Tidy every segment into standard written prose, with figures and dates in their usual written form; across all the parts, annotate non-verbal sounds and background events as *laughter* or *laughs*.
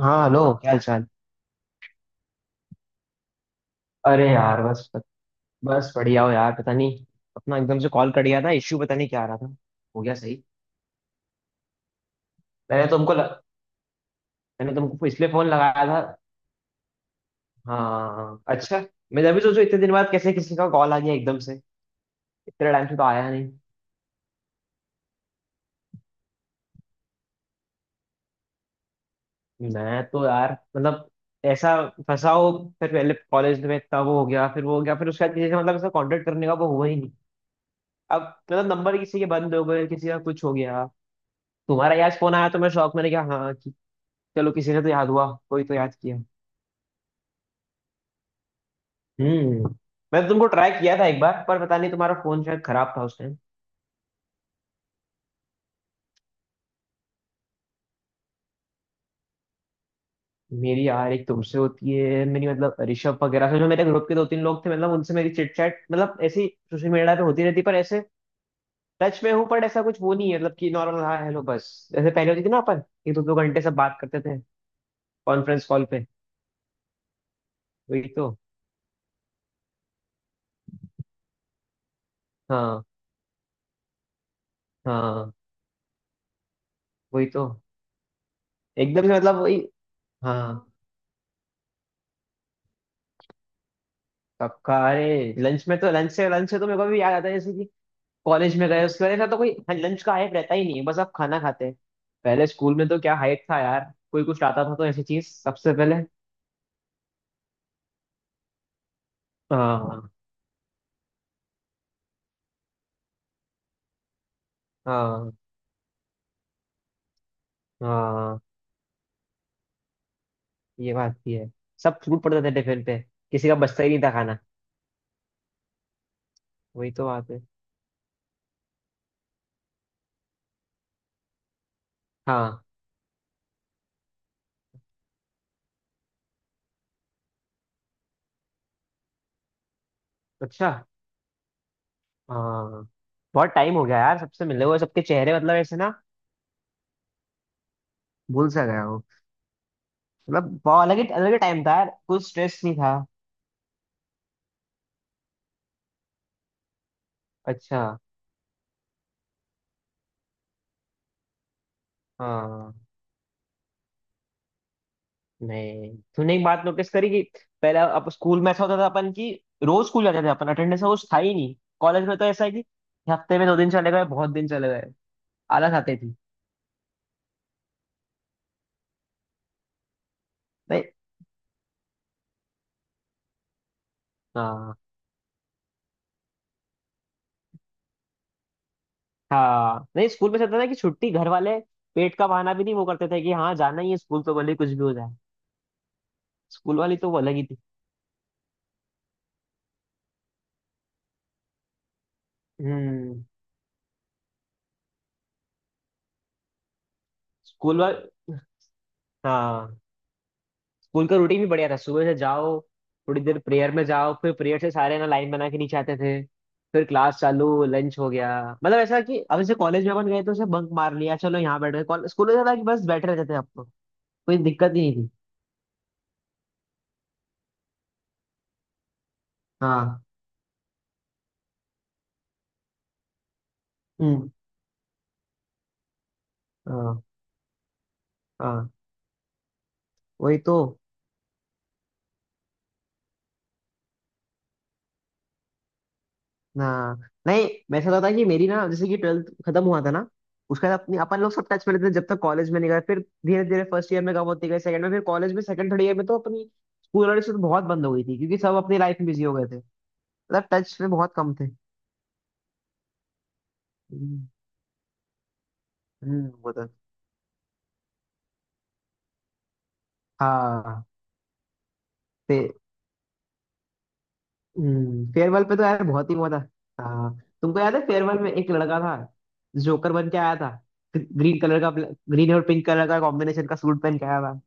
हाँ, हेलो। क्या हाल चाल। अरे यार, बस। बस बढ़िया हो यार, पता नहीं। अपना एकदम से कॉल कर दिया था, इश्यू पता नहीं क्या आ रहा था। हो गया सही। मैंने तुमको ल... मैंने तुमको इसलिए फोन लगाया था। हाँ, अच्छा। मैं अभी सोचू इतने दिन बाद कैसे किसी का कॉल आ गया एकदम से। इतने टाइम से तो आया नहीं। मैं तो यार मतलब। ऐसा। फंसा हो। फिर पहले कॉलेज में इतना वो हो गया फिर वो हो गया फिर उसके बाद किसी से मतलब ऐसा कांटेक्ट करने का वो हुआ ही नहीं। अब। मतलब नंबर किसी के बंद हो गए किसी का कुछ हो गया। तुम्हारा यार फोन आया तो मैं शौक मैंने कहा हाँ। चलो किसी से तो याद हुआ कोई तो याद किया। हम्म। मैं तुमको ट्राई किया था एक बार, पर पता नहीं तुम्हारा फोन शायद खराब था उस टाइम। मेरी यार एक तुमसे होती है, मेरी मतलब ऋषभ वगैरह से, जो मेरे ग्रुप के दो तीन लोग थे मतलब उनसे, मेरी चिट चैट मतलब ऐसी सोशल मीडिया पे होती रहती, पर ऐसे टच में हूँ पर ऐसा कुछ वो नहीं है। मतलब कि नॉर्मल हाँ हेलो बस। जैसे पहले होती थी ना अपन एक 2-2 घंटे सब बात करते थे कॉन्फ्रेंस कॉल पे। वही तो। हाँ। हाँ, वही तो। एकदम से मतलब वही। हाँ। कब का, अरे लंच में तो लंच से तो मेरे को भी याद आता है, जैसे कि कॉलेज में गए उसके बाद ऐसा तो कोई लंच का हाइप रहता ही नहीं है, बस आप खाना खाते हैं। पहले स्कूल में तो क्या हाइप था यार, कोई कुछ लाता था तो ऐसी चीज सबसे पहले। हाँ। हाँ। हाँ, ये बात भी है। सब छूट पड़ते थे टिफिन पे। किसी का बचता ही नहीं था खाना। वही तो बात है। हाँ, अच्छा। हाँ। बहुत टाइम हो गया यार सबसे मिले हुए, सबके चेहरे मतलब ऐसे ना भूल सा गया हूँ। मतलब बहुत अलग ही टाइम था यार, कुछ स्ट्रेस नहीं था। अच्छा। हाँ। नहीं, तूने एक बात नोटिस करी कि पहले अब स्कूल में ऐसा होता था अपन की, रोज स्कूल जाते थे अपन, अटेंडेंस रोज था ही नहीं। कॉलेज में तो ऐसा है कि हफ्ते में 2 दिन चले गए बहुत दिन चले गए। आलस आती थी। नहीं। हाँ। हाँ, नहीं, स्कूल में ऐसा होता था कि छुट्टी घर वाले पेट का बहाना भी नहीं वो करते थे, कि हाँ जाना ही है स्कूल तो, भले ही कुछ भी हो जाए। स्कूल वाली तो वो अलग ही थी। हम्म। स्कूल वाले। हाँ। स्कूल का रूटीन भी बढ़िया था, सुबह से जाओ, थोड़ी देर प्रेयर में जाओ, फिर प्रेयर से सारे ना लाइन बना के नीचे आते थे। फिर क्लास चालू, लंच हो गया। मतलब ऐसा कि अब जैसे कॉलेज में अपन गए तो उसे बंक मार लिया चलो यहाँ बैठ गए, स्कूल में था कि बस बैठे रहते थे आपको, कोई दिक्कत ही नहीं थी। हाँ। हम्म। हाँ। हाँ, वही तो। हाँ, नहीं, मैं ऐसा होता है कि मेरी ना, जैसे कि ट्वेल्थ खत्म हुआ था ना, उसके बाद अपनी अपन लोग सब टच में रहते थे, जब तक कॉलेज में नहीं गए। फिर धीरे धीरे फर्स्ट ईयर में कम होती गई, सेकंड में, फिर कॉलेज में सेकंड थर्ड ईयर में तो अपनी स्कूल वाली तो बहुत बंद हो गई थी, क्योंकि सब अपनी लाइफ में बिजी हो गए थे। मतलब टच में बहुत कम थे। हम्म। वो तो। हाँ। फे, फेयरवेल पे तो यार बहुत ही हुआ था। हाँ। तुमको याद है फेयरवेल में एक लड़का था, जोकर बन के आया था। ग्रीन कलर का, ग्रीन और पिंक कलर का कॉम्बिनेशन का सूट पहन के आया था।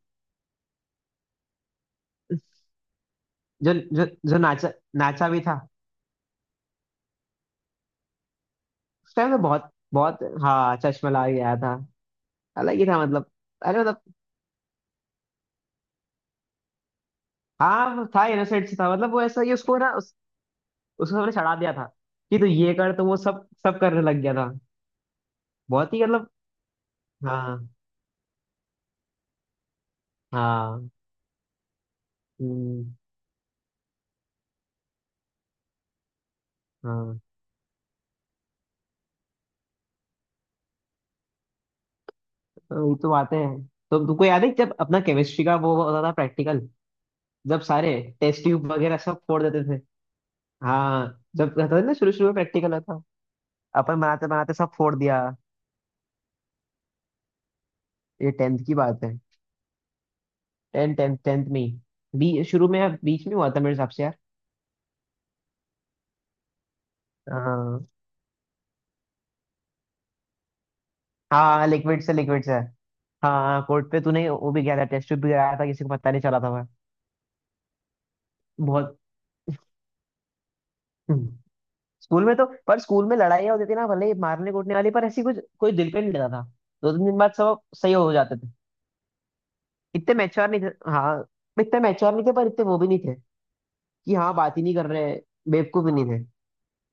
जो जो जो नाचा नाचा भी था। उस टाइम तो बहुत बहुत, हाँ, चश्मा लगा के आया था। अलग ही था मतलब। अरे मतलब। हाँ, वो था, इनोसेंट था, मतलब वो ऐसा ही, उसको ना उसको हमने चढ़ा दिया था, कि तू ये कर, तो वो सब सब करने लग गया था। बहुत ही मतलब। हाँ। हाँ। हम्म, हाँ, तो ये तो बातें हैं। तो तुमको याद है जब अपना केमिस्ट्री का वो होता था प्रैक्टिकल, जब सारे टेस्ट ट्यूब वगैरह सब फोड़ देते थे। हाँ। जब रहता था ना शुरू शुरू में प्रैक्टिकल होता, अपन बनाते बनाते सब फोड़ दिया। ये टेंथ की बात है। टेंथ टेंथ टेंथ में ही, बी शुरू में या बीच में हुआ था मेरे हिसाब से यार। हाँ। हाँ, लिक्विड से। हाँ, कोर्ट पे तूने वो भी किया था, टेस्ट ट्यूब भी कराया था, किसी को पता नहीं चला था वह। बहुत। हम्म। स्कूल में तो, पर स्कूल में लड़ाइयाँ होती थी ना, भले ही मारने कूटने वाली, पर ऐसी कुछ कोई दिल पे नहीं लेता था। दो तीन दिन बाद सब सही हो जाते थे। इतने मैच्योर नहीं थे, हाँ। इतने मैच्योर नहीं थे, पर इतने वो भी नहीं थे कि हाँ बात ही नहीं कर रहे। बेवकूफ भी नहीं थे।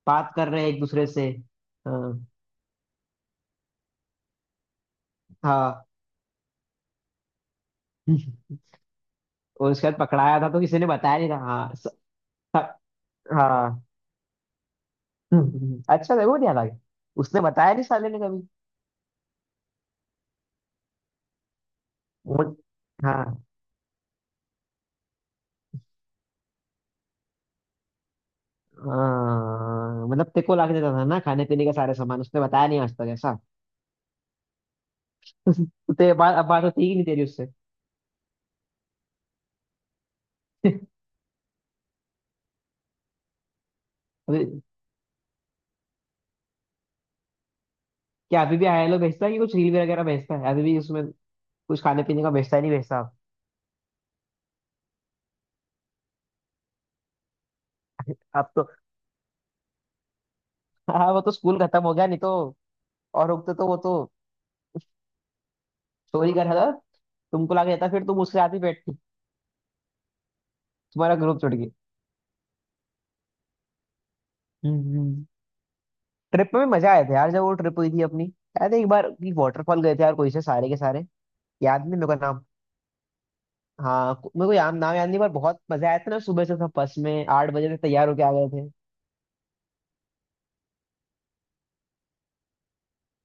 बात कर रहे हैं एक दूसरे से। हाँ। हाँ। *laughs* और उसके बाद पकड़ाया था तो किसी ने बताया नहीं था, हाँ। हाँ। *laughs* अच्छा, वो नहीं अलग। उसने बताया नहीं साले ने कभी। वो। हाँ। हाँ, मतलब तेरे को ला के देता था ना खाने पीने का सारे सामान, उसने बताया नहीं आज तक ऐसा। तो तेरे बात अब बात होती ही नहीं तेरी उससे। *laughs* अभी क्या अभी भी हेलो भेजता है कि कुछ रील वगैरह भेजता है अभी भी उसमें। कुछ खाने पीने का भेजता है, नहीं भेजता अब। अब तो, हाँ, वो तो स्कूल खत्म हो गया, नहीं तो और रुकते तो वो तो चोरी कर रहा था। तुमको लाके देता फिर तुम उसके साथ ही बैठती। तुम्हारा ग्रुप छुट गया। ट्रिप में मजा आया था यार, जब वो ट्रिप हुई थी अपनी। याद है एक बार की वाटरफॉल गए थे यार कोई से सारे के सारे, याद नहीं मेरे को नाम। हाँ मेरे को याद नाम याद नहीं, पर बहुत मजा आया था ना, सुबह से सब बस में 8 बजे से तैयार होके आ गए थे।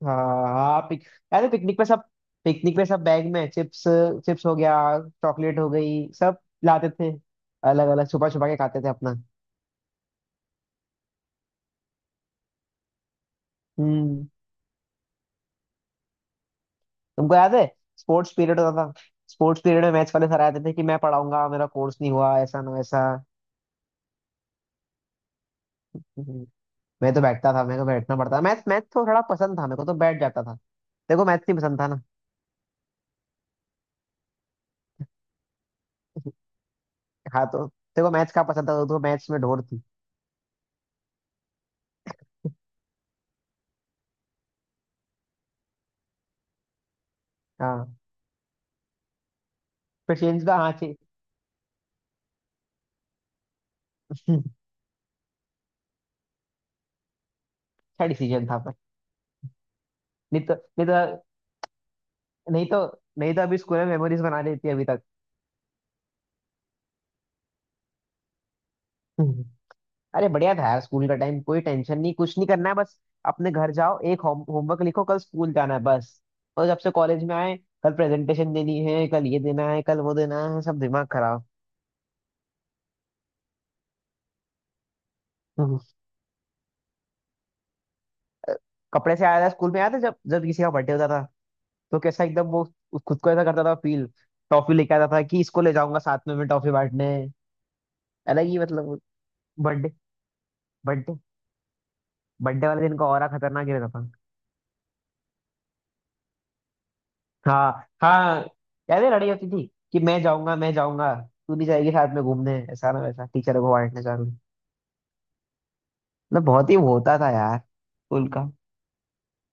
हाँ। हाँ पिक याद है पिकनिक पे सब, पिकनिक पे सब बैग में चिप्स, चिप्स हो गया, चॉकलेट हो गई, सब लाते थे, अलग अलग छुपा छुपा के खाते थे अपना। हम्म। तुमको याद है स्पोर्ट्स पीरियड होता था, स्पोर्ट्स पीरियड में मैथ्स वाले सर आते थे कि मैं पढ़ाऊंगा मेरा कोर्स नहीं हुआ, ऐसा ना वैसा। मैं तो बैठता था, मेरे को बैठना पड़ता था, मैथ मैथ तो थोड़ा पसंद था मेरे को, तो बैठ जाता था। देखो मैथ्स नहीं पसंद था ना। हाँ, तो देखो मैथ्स का पसंद था तो मैथ्स में ढोर थी। हाँ, फिर चेंज का, हाँ, *laughs* अच्छा डिसीजन था पर। नहीं तो नहीं तो नहीं तो नहीं तो अभी स्कूल में मेमोरीज बना लेती अभी तक। *laughs* अरे बढ़िया था यार स्कूल का टाइम, कोई टेंशन नहीं, कुछ नहीं करना है, बस अपने घर जाओ एक होमवर्क लिखो कल स्कूल जाना है बस। और जब से कॉलेज में आए, कल प्रेजेंटेशन देनी है, कल ये देना है, कल वो देना है, सब दिमाग खराब। *laughs* हम्म। कपड़े से आया था, स्कूल में आया था, जब जब किसी का बर्थडे होता था तो कैसा एकदम वो खुद को ऐसा करता था फील। टॉफी लेके आता था कि इसको ले जाऊंगा साथ में मैं टॉफी बांटने, अलग ही मतलब। बर्थडे बर्थडे बर्थडे वाले दिन का ऑरा खतरनाक ही रहता था। हाँ। हाँ। याद है लड़ाई होती थी कि मैं जाऊंगा, मैं जाऊंगा, तू नहीं जाएगी साथ में घूमने, ऐसा ना वैसा, टीचर को बांटने जाने। मतलब बहुत ही वो होता था यार स्कूल का।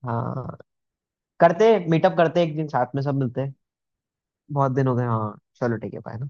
हाँ। करते मीटअप करते एक दिन साथ में सब मिलते। बहुत दिन हो गए, हाँ, चलो ठीक है, बाय।